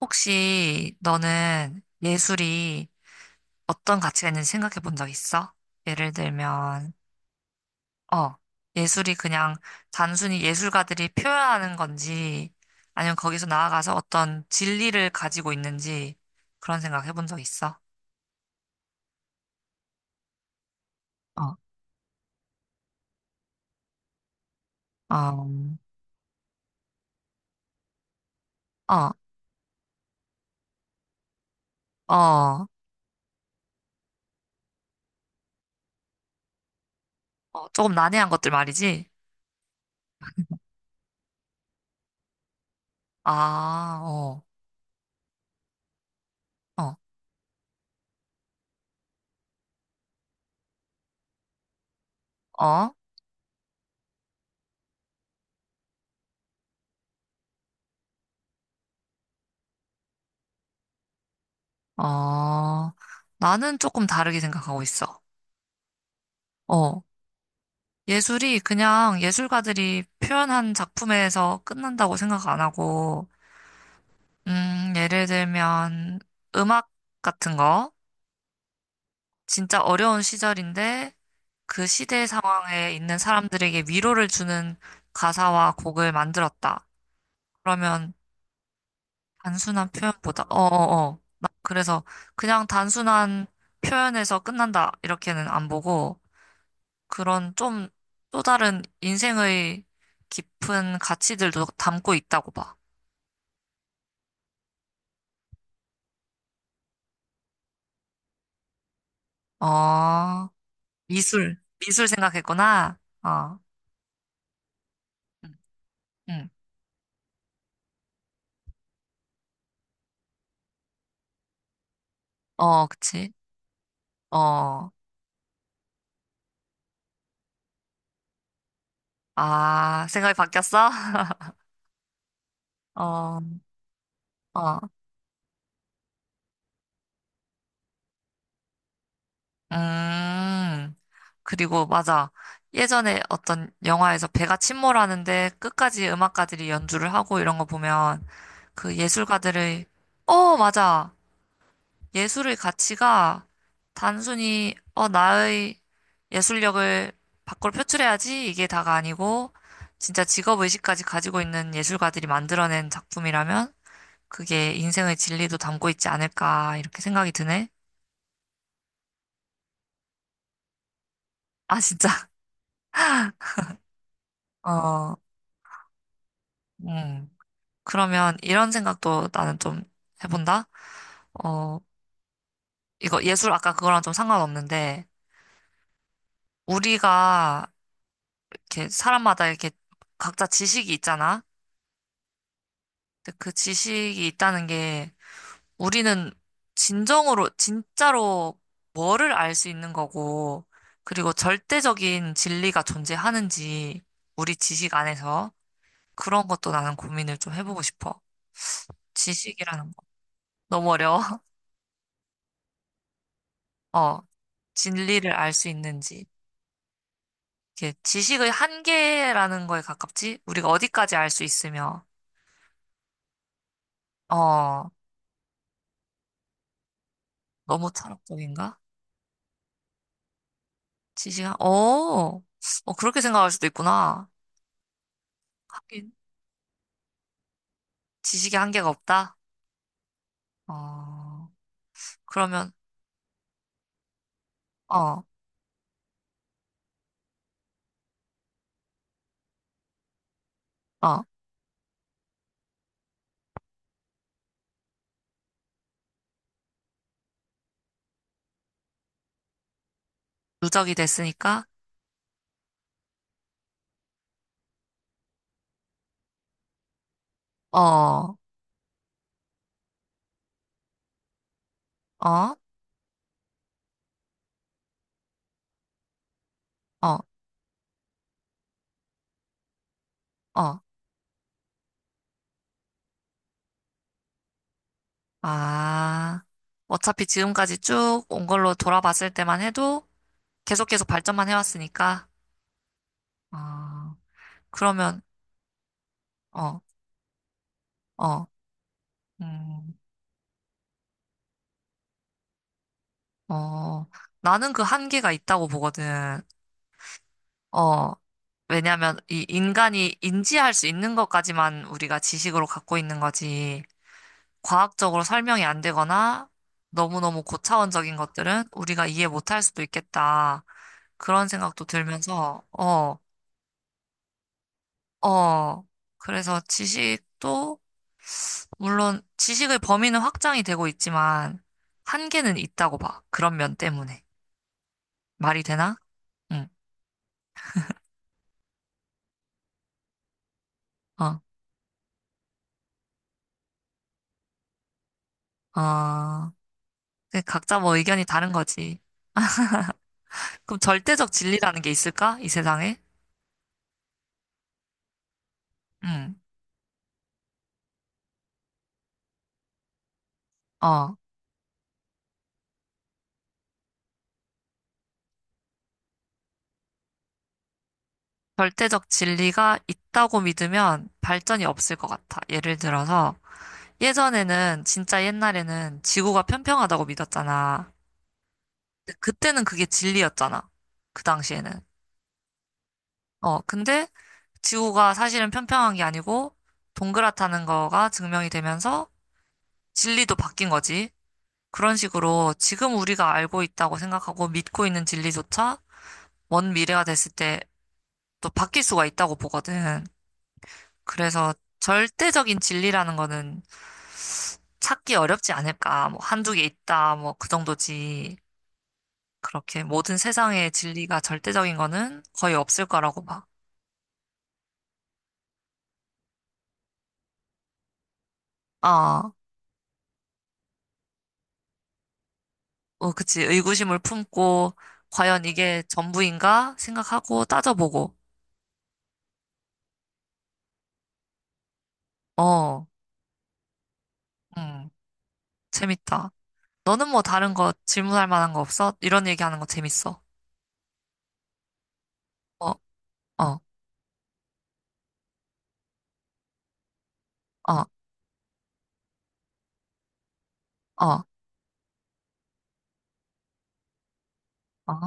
혹시 너는 예술이 어떤 가치가 있는지 생각해 본 적 있어? 예를 들면, 어, 예술이 그냥 단순히 예술가들이 표현하는 건지, 아니면 거기서 나아가서 어떤 진리를 가지고 있는지, 그런 생각 해본 적 있어? 어, 어, 어, 어, 어, 조금 난해한 것들 말이지? 아, 어, 어, 어, 어, 나는 조금 다르게 생각하고 있어. 어, 예술이 그냥 예술가들이 표현한 작품에서 끝난다고 생각 안 하고, 예를 들면 음악 같은 거, 진짜 어려운 시절인데 그 시대 상황에 있는 사람들에게 위로를 주는 가사와 곡을 만들었다. 그러면 단순한 표현보다, 그래서 그냥 단순한 표현에서 끝난다. 이렇게는 안 보고, 그런 좀 또 다른 인생의 깊은 가치들도 담고 있다고 봐. 어, 미술, 미술 생각했구나. 어, 응, 응. 어, 그치. 어, 아, 생각이 바뀌었어? 어, 어, 음. 그리고 맞아. 예전에 어떤 영화에서 배가 침몰하는데 끝까지 음악가들이 연주를 하고 이런 거 보면 그 예술가들의, 어, 맞아. 예술의 가치가 단순히, 어, 나의 예술력을 밖으로 표출해야지 이게 다가 아니고, 진짜 직업의식까지 가지고 있는 예술가들이 만들어낸 작품이라면, 그게 인생의 진리도 담고 있지 않을까, 이렇게 생각이 드네. 아, 진짜. 어, 음. 그러면 이런 생각도 나는 좀 해본다? 어, 이거 예술 아까 그거랑 좀 상관없는데, 우리가 이렇게 사람마다 이렇게 각자 지식이 있잖아. 근데 그 지식이 있다는 게 우리는 진정으로, 진짜로 뭐를 알 수 있는 거고, 그리고 절대적인 진리가 존재하는지, 우리 지식 안에서 그런 것도 나는 고민을 좀 해보고 싶어. 지식이라는 거. 너무 어려워. 어, 진리를 알 수 있는지. 이게 지식의 한계라는 거에 가깝지? 우리가 어디까지 알 수 있으며, 어, 너무 철학적인가? 어, 어, 그렇게 생각할 수도 있구나. 지식의 한계가 없다? 어, 그러면, 어, 어, 누적이 됐으니까, 어, 어, 어, 어, 아. 어차피 지금까지 쭉 온 걸로 돌아봤을 때만 해도 계속 계속 발전만 해왔으니까, 어, 그러면, 어, 어, 음, 어, 나는 그 한계가 있다고 보거든. 어, 왜냐면 이 인간이 인지할 수 있는 것까지만 우리가 지식으로 갖고 있는 거지. 과학적으로 설명이 안 되거나 너무너무 고차원적인 것들은 우리가 이해 못할 수도 있겠다. 그런 생각도 들면서, 어, 어. 그래서 지식도, 물론 지식의 범위는 확장이 되고 있지만, 한계는 있다고 봐. 그런 면 때문에. 말이 되나? 응, 어, 어. 근데 각자 뭐 의견이 다른 거지. 그럼 절대적 진리라는 게 있을까? 이 세상에? 응, 어. 절대적 진리가 있다고 믿으면 발전이 없을 것 같아. 예를 들어서 예전에는 진짜 옛날에는 지구가 평평하다고 믿었잖아. 근데 그때는 그게 진리였잖아. 그 당시에는. 어, 근데 지구가 사실은 평평한 게 아니고 동그랗다는 거가 증명이 되면서 진리도 바뀐 거지. 그런 식으로 지금 우리가 알고 있다고 생각하고 믿고 있는 진리조차 먼 미래가 됐을 때 또 바뀔 수가 있다고 보거든. 그래서 절대적인 진리라는 거는 찾기 어렵지 않을까. 뭐 한두 개 있다. 뭐 그 정도지. 그렇게 모든 세상의 진리가 절대적인 거는 거의 없을 거라고 막. 아, 어, 그치. 의구심을 품고 과연 이게 전부인가 생각하고 따져보고. 어, 음, 재밌다. 너는 뭐 다른 거 질문할 만한 거 없어? 이런 얘기하는 거 재밌어. 어, 어, 어, 어, 어,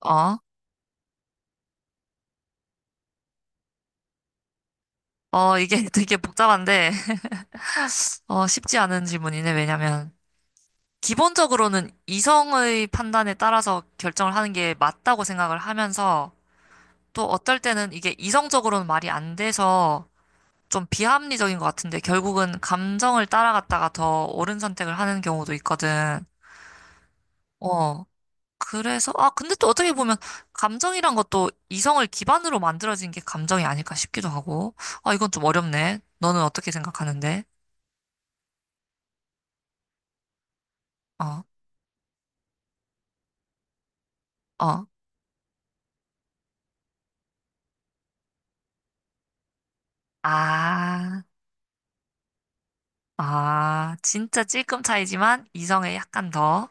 어. 어, 이게 되게 복잡한데, 어, 쉽지 않은 질문이네. 왜냐면, 기본적으로는 이성의 판단에 따라서 결정을 하는 게 맞다고 생각을 하면서 또 어떨 때는 이게 이성적으로는 말이 안 돼서 좀 비합리적인 것 같은데 결국은 감정을 따라갔다가 더 옳은 선택을 하는 경우도 있거든. 어. 그래서, 아, 근데 또 어떻게 보면 감정이란 것도 이성을 기반으로 만들어진 게 감정이 아닐까 싶기도 하고. 아, 이건 좀 어렵네. 너는 어떻게 생각하는데? 어, 어. 아. 아, 진짜 찔끔 차이지만 이성에 약간 더,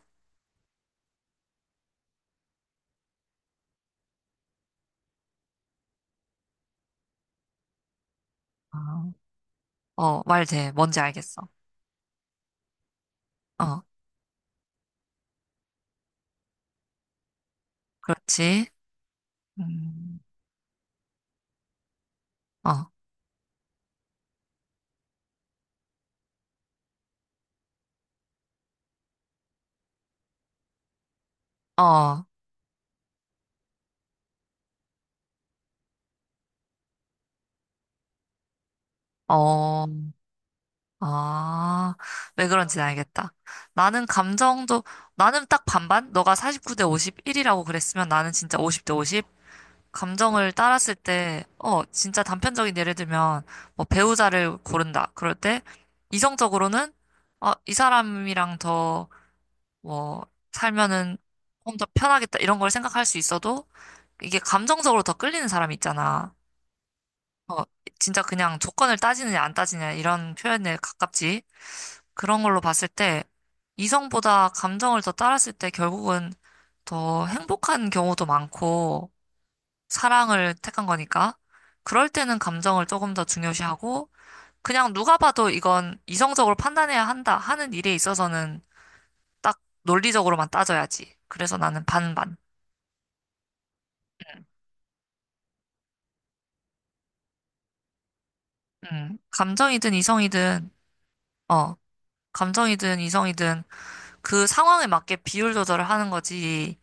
아, 어, 어, 말 돼. 뭔지 알겠어. 어, 그렇지. 음, 어, 어, 어, 아, 왜 그런지 알겠다. 나는 감정도, 나는 딱 반반? 너가 49대 51이라고 그랬으면 나는 진짜 50대 50? 감정을 따랐을 때, 어, 진짜 단편적인 예를 들면, 뭐 배우자를 고른다. 그럴 때, 이성적으로는, 어, 이 사람이랑 더 뭐, 살면은 좀 더 편하겠다, 이런 걸 생각할 수 있어도, 이게 감정적으로 더 끌리는 사람 이 있잖아. 어, 진짜 그냥 조건을 따지느냐, 안 따지느냐, 이런 표현에 가깝지. 그런 걸로 봤을 때, 이성보다 감정을 더 따랐을 때 결국은 더 행복한 경우도 많고, 사랑을 택한 거니까. 그럴 때는 감정을 조금 더 중요시하고, 그냥 누가 봐도 이건 이성적으로 판단해야 한다 하는 일에 있어서는 딱 논리적으로만 따져야지. 그래서 나는 반반. 감정이든 이성이든, 어, 감정이든 이성이든 그 상황에 맞게 비율 조절을 하는 거지.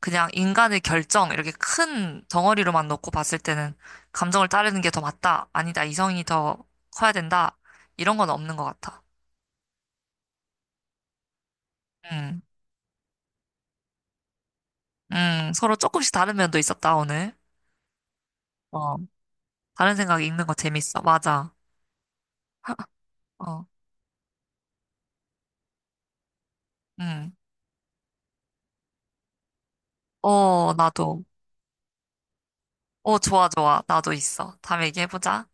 그냥 인간의 결정, 이렇게 큰 덩어리로만 놓고 봤을 때는 감정을 따르는 게 더 맞다. 아니다. 이성이 더 커야 된다. 이런 건 없는 것 같아. 음, 서로 조금씩 다른 면도 있었다, 오늘. 어, 다른 생각 읽는 거 재밌어. 맞아. 어, 음. 어, 나도. 어, 좋아, 좋아. 나도 있어. 다음에 얘기해보자.